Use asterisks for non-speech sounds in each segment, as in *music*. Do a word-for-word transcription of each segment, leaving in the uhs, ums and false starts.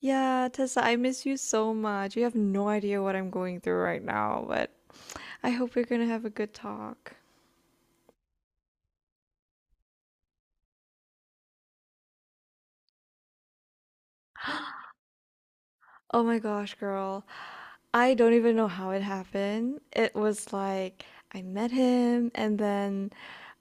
Yeah, Tessa, I miss you so much. You have no idea what I'm going through right now, but I hope we're gonna have a good talk. Oh my gosh, girl. I don't even know how it happened. It was like I met him and then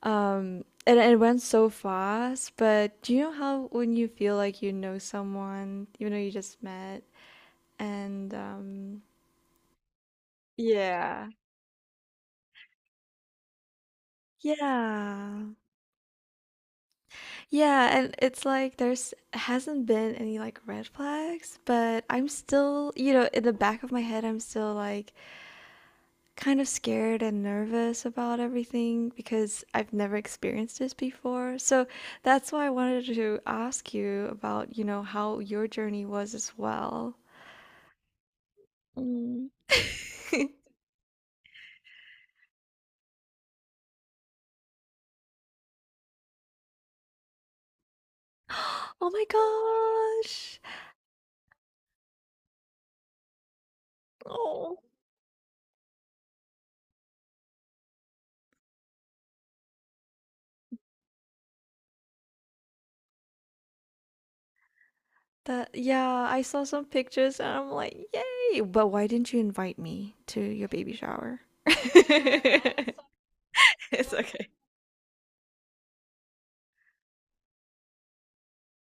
um and it went so fast, but do you know how when you feel like you know someone, even though you just met and um yeah. Yeah. Yeah, and it's like there's hasn't been any like red flags, but I'm still, you know, in the back of my head, I'm still like kind of scared and nervous about everything because I've never experienced this before. So that's why I wanted to ask you about, you know, how your journey was as well. Mm. *laughs* Oh my gosh. That yeah, I saw some pictures and I'm like, "Yay!" But why didn't you invite me to your baby shower? *laughs* It's okay.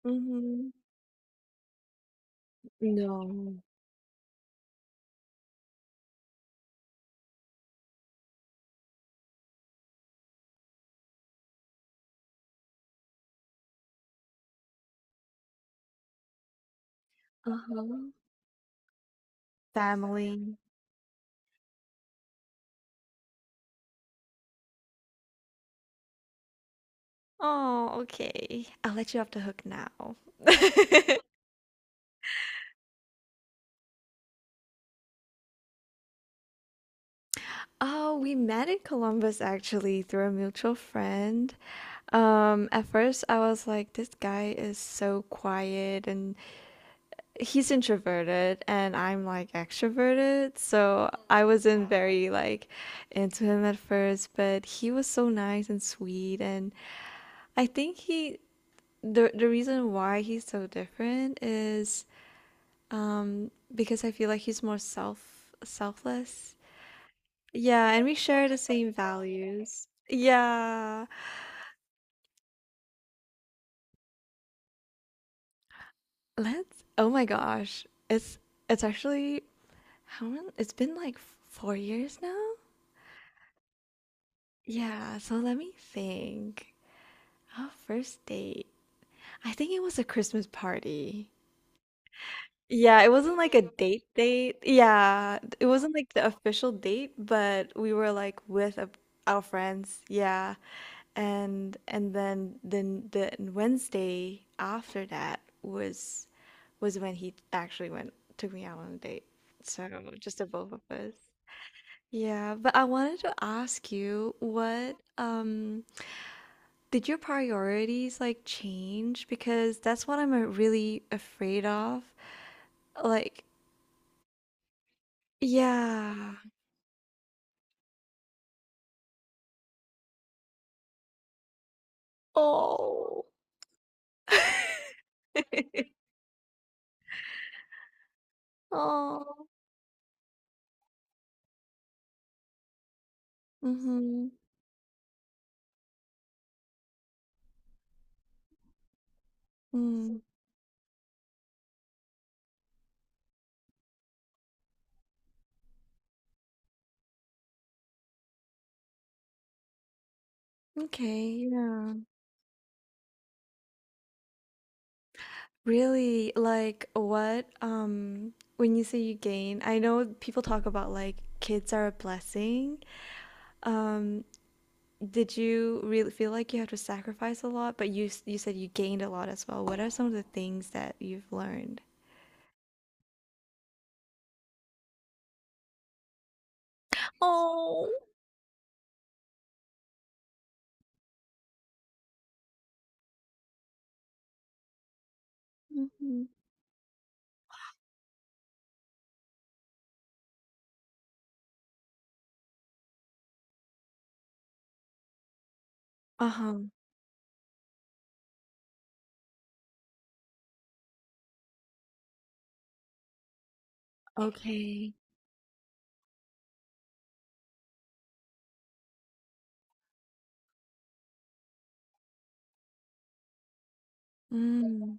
Mhm. No. Uh-huh. Family. Oh, okay. I'll let you off the hook now. *laughs* Oh, we met in Columbus actually through a mutual friend. Um, at first I was like, this guy is so quiet and he's introverted and I'm like extroverted. So I wasn't very like into him at first, but he was so nice and sweet and I think he the the reason why he's so different is um because I feel like he's more self selfless. Yeah, and we share the same values. Yeah. Let's oh my gosh. It's it's actually how long it's been, like, four years now? Yeah, so let me think. Oh, first date. I think it was a Christmas party. Yeah, it wasn't like a date date. Yeah, it wasn't like the official date, but we were like with a, our friends. Yeah, and and then then the Wednesday after that was was when he actually went took me out on a date. So just the both of us. Yeah, but I wanted to ask you what um did your priorities like change? Because that's what I'm uh, really afraid of. Like, yeah. Oh. *laughs* Oh. Mm-hmm. Mm. Okay, yeah. Really, like what um when you say you gain, I know people talk about like kids are a blessing. Um, did you really feel like you had to sacrifice a lot? But you s- you said you gained a lot as well. What are some of the things that you've learned? Oh. Mhm. Uh-huh. Okay. Mm,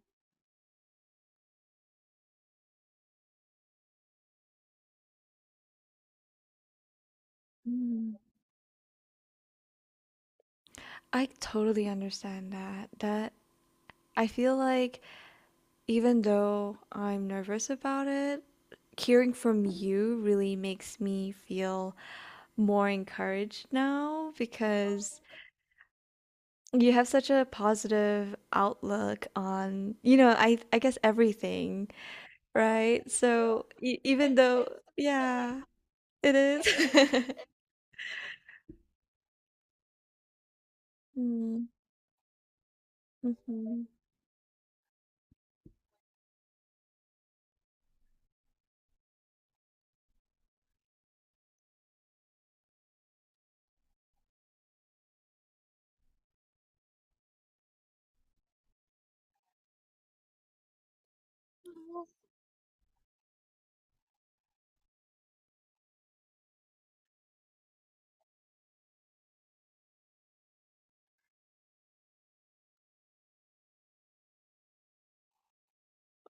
mm. I totally understand that. That I feel like even though I'm nervous about it, hearing from you really makes me feel more encouraged now because you have such a positive outlook on, you know, I I guess everything, right? So e even though, yeah, it is. *laughs* Mm, mhm.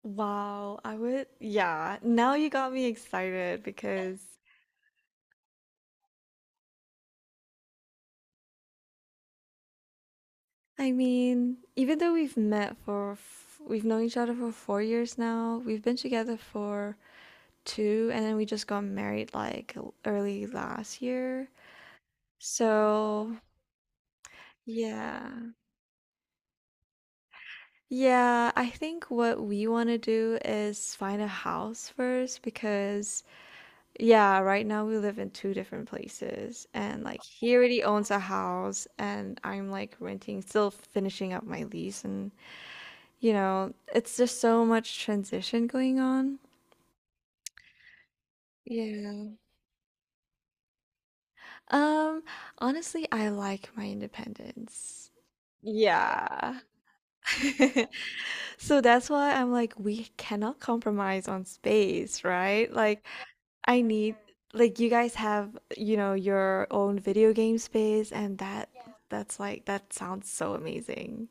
Wow, I would, yeah. Now you got me excited because I mean, even though we've met for, f- we've known each other for four years now, we've been together for two, and then we just got married like l- early last year. So, yeah. Yeah, I think what we want to do is find a house first because yeah, right now we live in two different places, and like he already owns a house, and I'm like renting, still finishing up my lease, and you know, it's just so much transition going on. Yeah. Um, Honestly, I like my independence. Yeah. *laughs* So that's why I'm like, we cannot compromise on space, right? Like, I need like you guys have, you know, your own video game space and that. Yeah, that's like that sounds so amazing.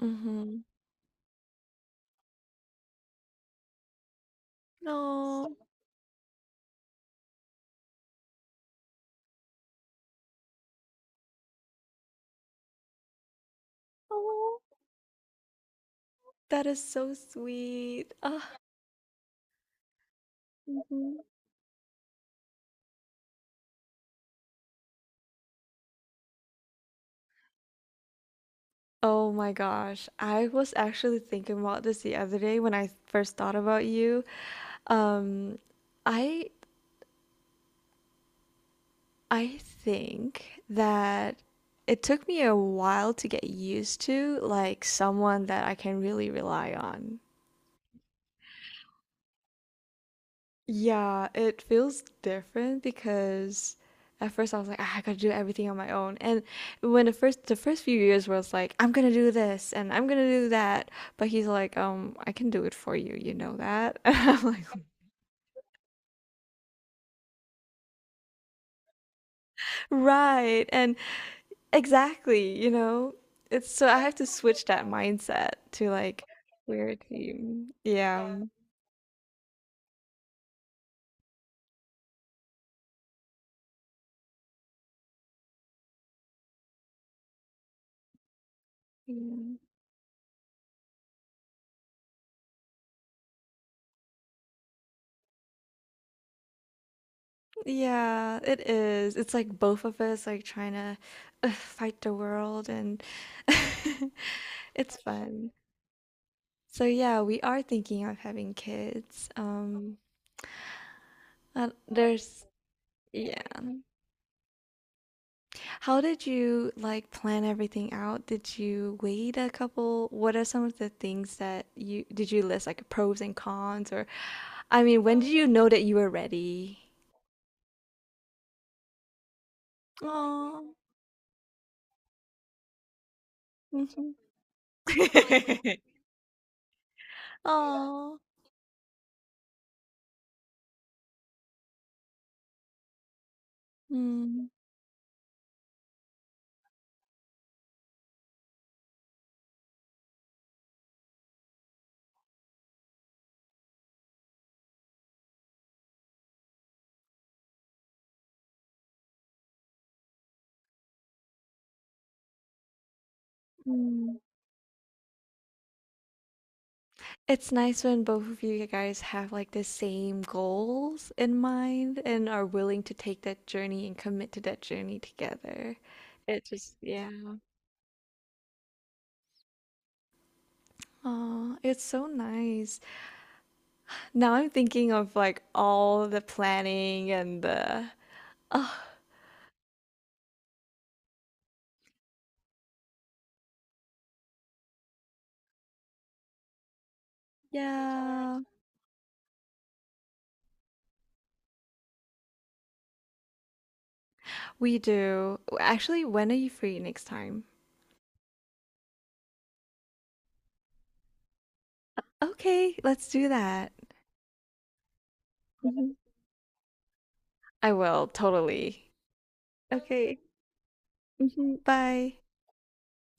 Mm-hmm. No. Oh, that is so sweet. Ah, mhm. Oh my gosh. I was actually thinking about this the other day when I first thought about you. Um, I I think that it took me a while to get used to like someone that I can really rely on. Yeah, it feels different because at first I was like, ah, I gotta do everything on my own. And when the first the first few years was like, I'm gonna do this and I'm gonna do that, but he's like, um, I can do it for you, you know that? *laughs* And I'm like, right. And exactly, you know, it's so I have to switch that mindset to like we're a team. Yeah. Yeah. Yeah, it is. It's like both of us like trying to uh, fight the world and *laughs* it's fun. So yeah, we are thinking of having kids. Um, uh, there's yeah. How did you like plan everything out? Did you wait a couple? What are some of the things that you did you list like pros and cons or I mean, when did you know that you were ready? Oh. *laughs* *laughs* Mm. Oh. Mm. It's nice when both of you guys have like the same goals in mind and are willing to take that journey and commit to that journey together. It just, yeah. Oh, it's so nice. Now I'm thinking of like all the planning and the, *sighs* oh, yeah. We do. Actually, when are you free next time? Okay, let's do that. Mhm. I will, totally. Okay. Mhm. Bye.